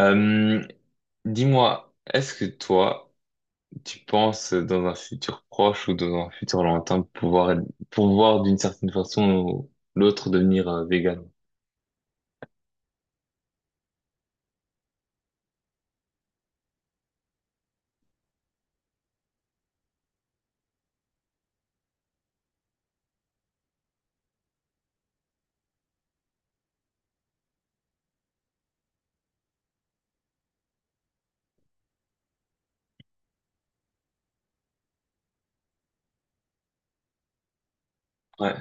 Euh, Dis-moi, est-ce que toi, tu penses dans un futur proche ou dans un futur lointain pouvoir d'une certaine façon ou l'autre devenir vegan? Ouais,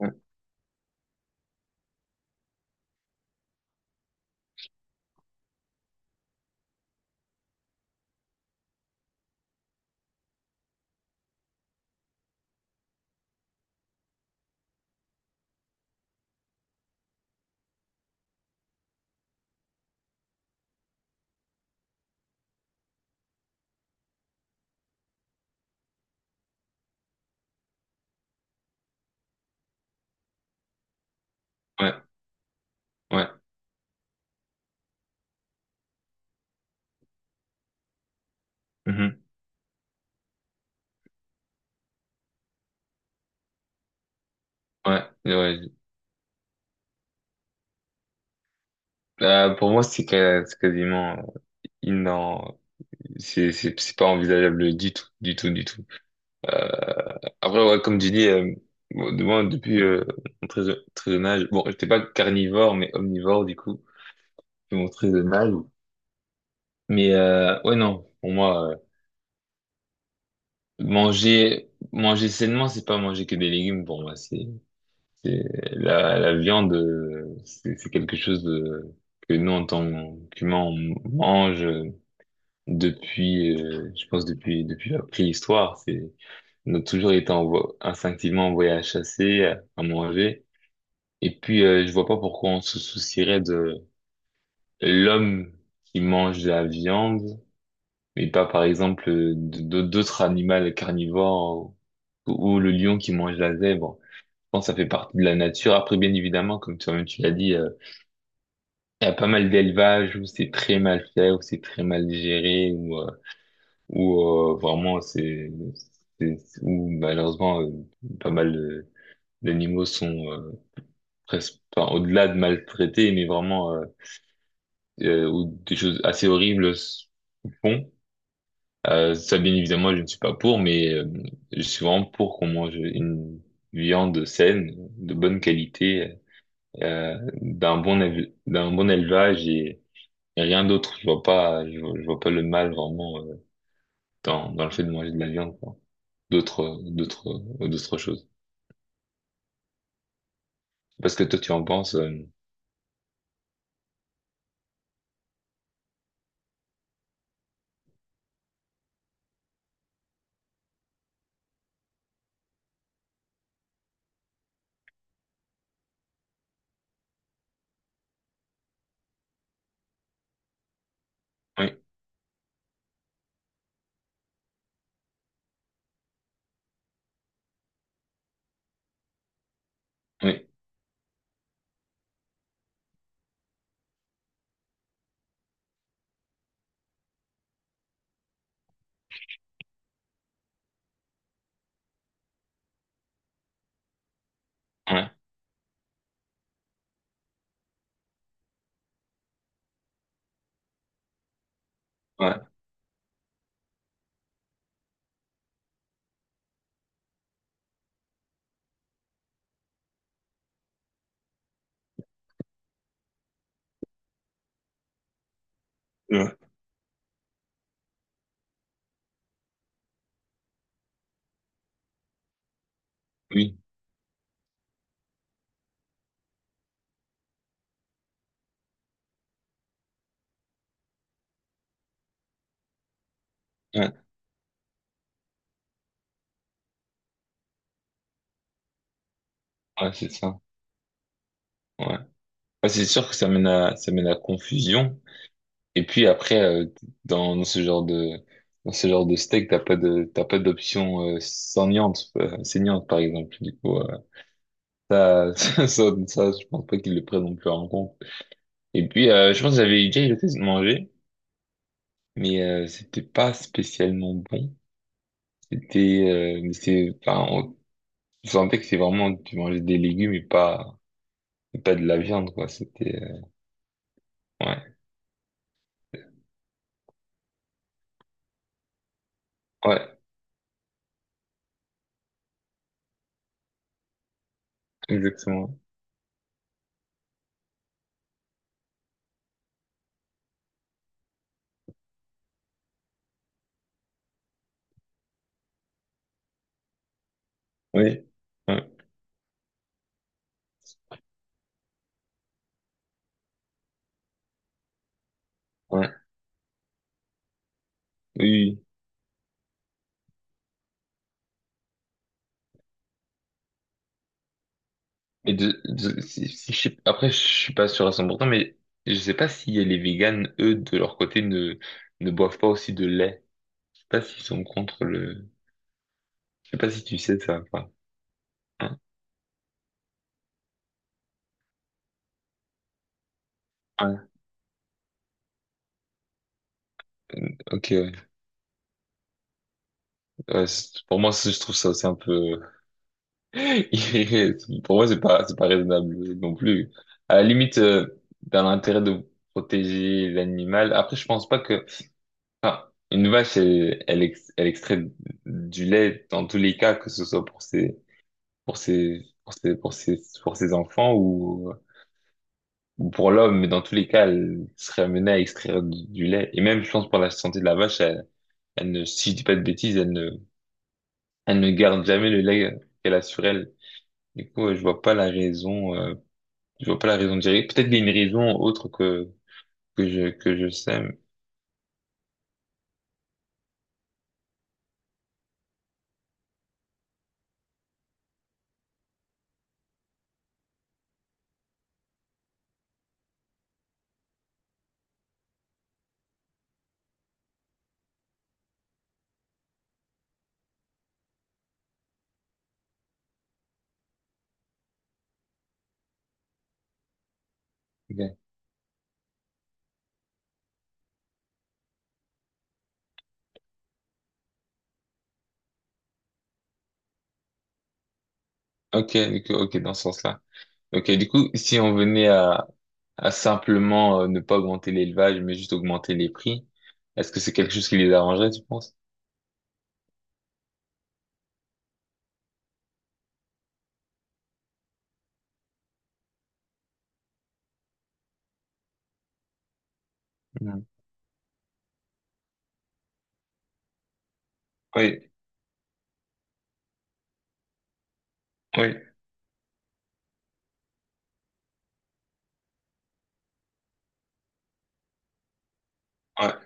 ouais, ouais, ouais, mhm, ouais, ouais. Pour moi, c'est c'est quasiment inan, c'est pas envisageable du tout, du tout, du tout. Euh, Après, ouais, comme tu dis, bon, de moi, depuis mon très jeune âge, bon, j'étais pas carnivore mais omnivore du coup, depuis mon très jeune âge. Mais ouais, non, pour moi, manger sainement, c'est pas manger que des légumes pour moi. C'est la viande, c'est quelque chose de, que nous, en tant qu'humains, on mange depuis, je pense, depuis la préhistoire. On a toujours été instinctivement envoyé à chasser, à manger. Et puis, je vois pas pourquoi on se soucierait de l'homme qui mange de la viande mais pas par exemple d'autres animaux carnivores ou le lion qui mange la zèbre. Je pense que ça fait partie de la nature. Après, bien évidemment, comme toi-même tu l'as dit, il y a pas mal d'élevages où c'est très mal fait, où c'est très mal géré, où vraiment où malheureusement pas mal d'animaux sont presque enfin, au-delà de maltraités, mais vraiment où des choses assez horribles se font. Ça, bien évidemment, je ne suis pas pour, mais je suis vraiment pour qu'on mange une viande saine, de bonne qualité, d'un d'un bon élevage et rien d'autre. Je vois pas le mal vraiment dans le fait de manger de la viande, quoi. D'autres, d'autres, D'autres choses. Parce que toi, tu en penses. Oui, oui, ouais, ouais, ouais, oui, ouais, ouais, c'est ça. Ouais. Ouais, c'est sûr que ça mène à confusion. Et puis après, dans ce genre de, dans ce genre de steak, t'as pas d'option euh, saignante par exemple. Du coup, ça, ça, je pense pas qu'ils le prennent non plus en compte. Et puis, je pense que j'avais déjà eu l'occasion de manger, mais c'était pas spécialement bon. C'était, mais enfin, on je sentais que c'est vraiment, tu mangeais des légumes et pas de la viande, quoi. Ouais, ouais, exactement. Oui, ouais, ouais, oui. Oui. Et si je après, je suis pas sûr à 100% mais je sais pas si les véganes, eux, de leur côté, ne boivent pas aussi de lait. Je sais pas s'ils sont contre le… Je sais pas si tu sais ça, quoi. Hein? Ouais. Ok, ouais. Ouais, pour moi, je trouve ça aussi un peu… irré- Pour moi, c'est pas raisonnable non plus. À la limite, dans l'intérêt de protéger l'animal, après, je pense pas que… Enfin, une vache, elle extrait du lait dans tous les cas, que ce soit pour ses pour ses, pour ses, pour ses, pour ses enfants ou pour l'homme, mais dans tous les cas, elle serait amenée à extraire du lait. Et même, je pense, pour la santé de la vache, elle, elle ne, si je dis pas de bêtises, elle ne garde jamais le lait qu'elle a sur elle. Du coup, je vois pas la raison, je vois pas la raison directe. Peut-être qu'il y a une raison autre que, que je sais. mais- Ok, ok, du coup, ok, dans ce sens-là. Ok, du coup, si on venait à simplement ne pas augmenter l'élevage, mais juste augmenter les prix, est-ce que c'est quelque chose qui les arrangerait, tu penses? Oui, oui, ouais.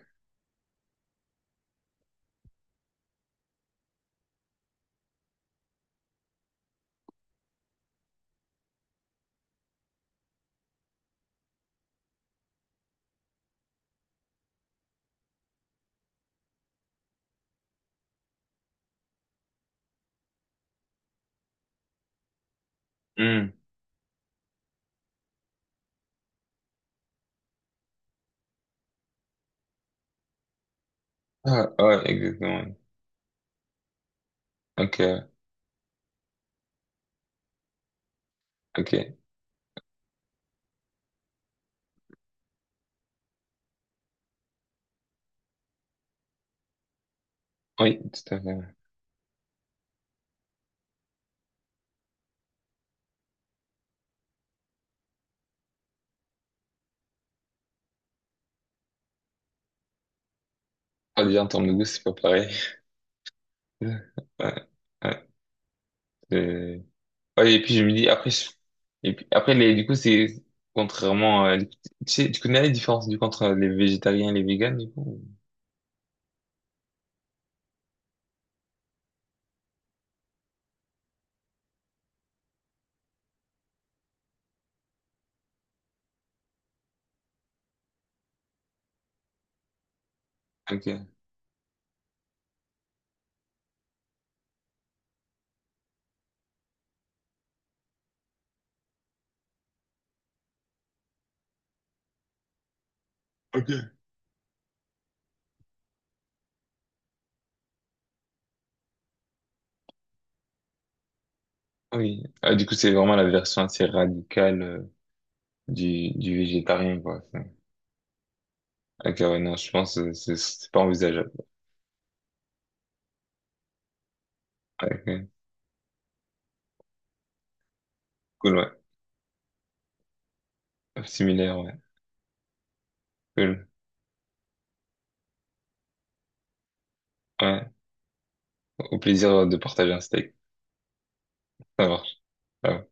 Hmm. Ah, ouais, exactement. Ok, ok. Oui, tout à fait. Ah, déjà, en termes de goût, c'est pas pareil. Ouais, ouais, c'est- ouais, et puis, je me dis, après, et puis, du coup, c'est contrairement à… Tu sais, tu connais la différence, du coup, entre les végétariens et les véganes, du coup? Ou- Ok. Ok. Oui. Ah, du coup, c'est vraiment la version assez radicale du végétarien, quoi. Ok, ouais, non, je pense que c'est pas envisageable. Ouais, Ok, Cool, ouais. Similaire, ouais. Cool. Ouais. Au plaisir de partager un steak. Ça marche. Ouais.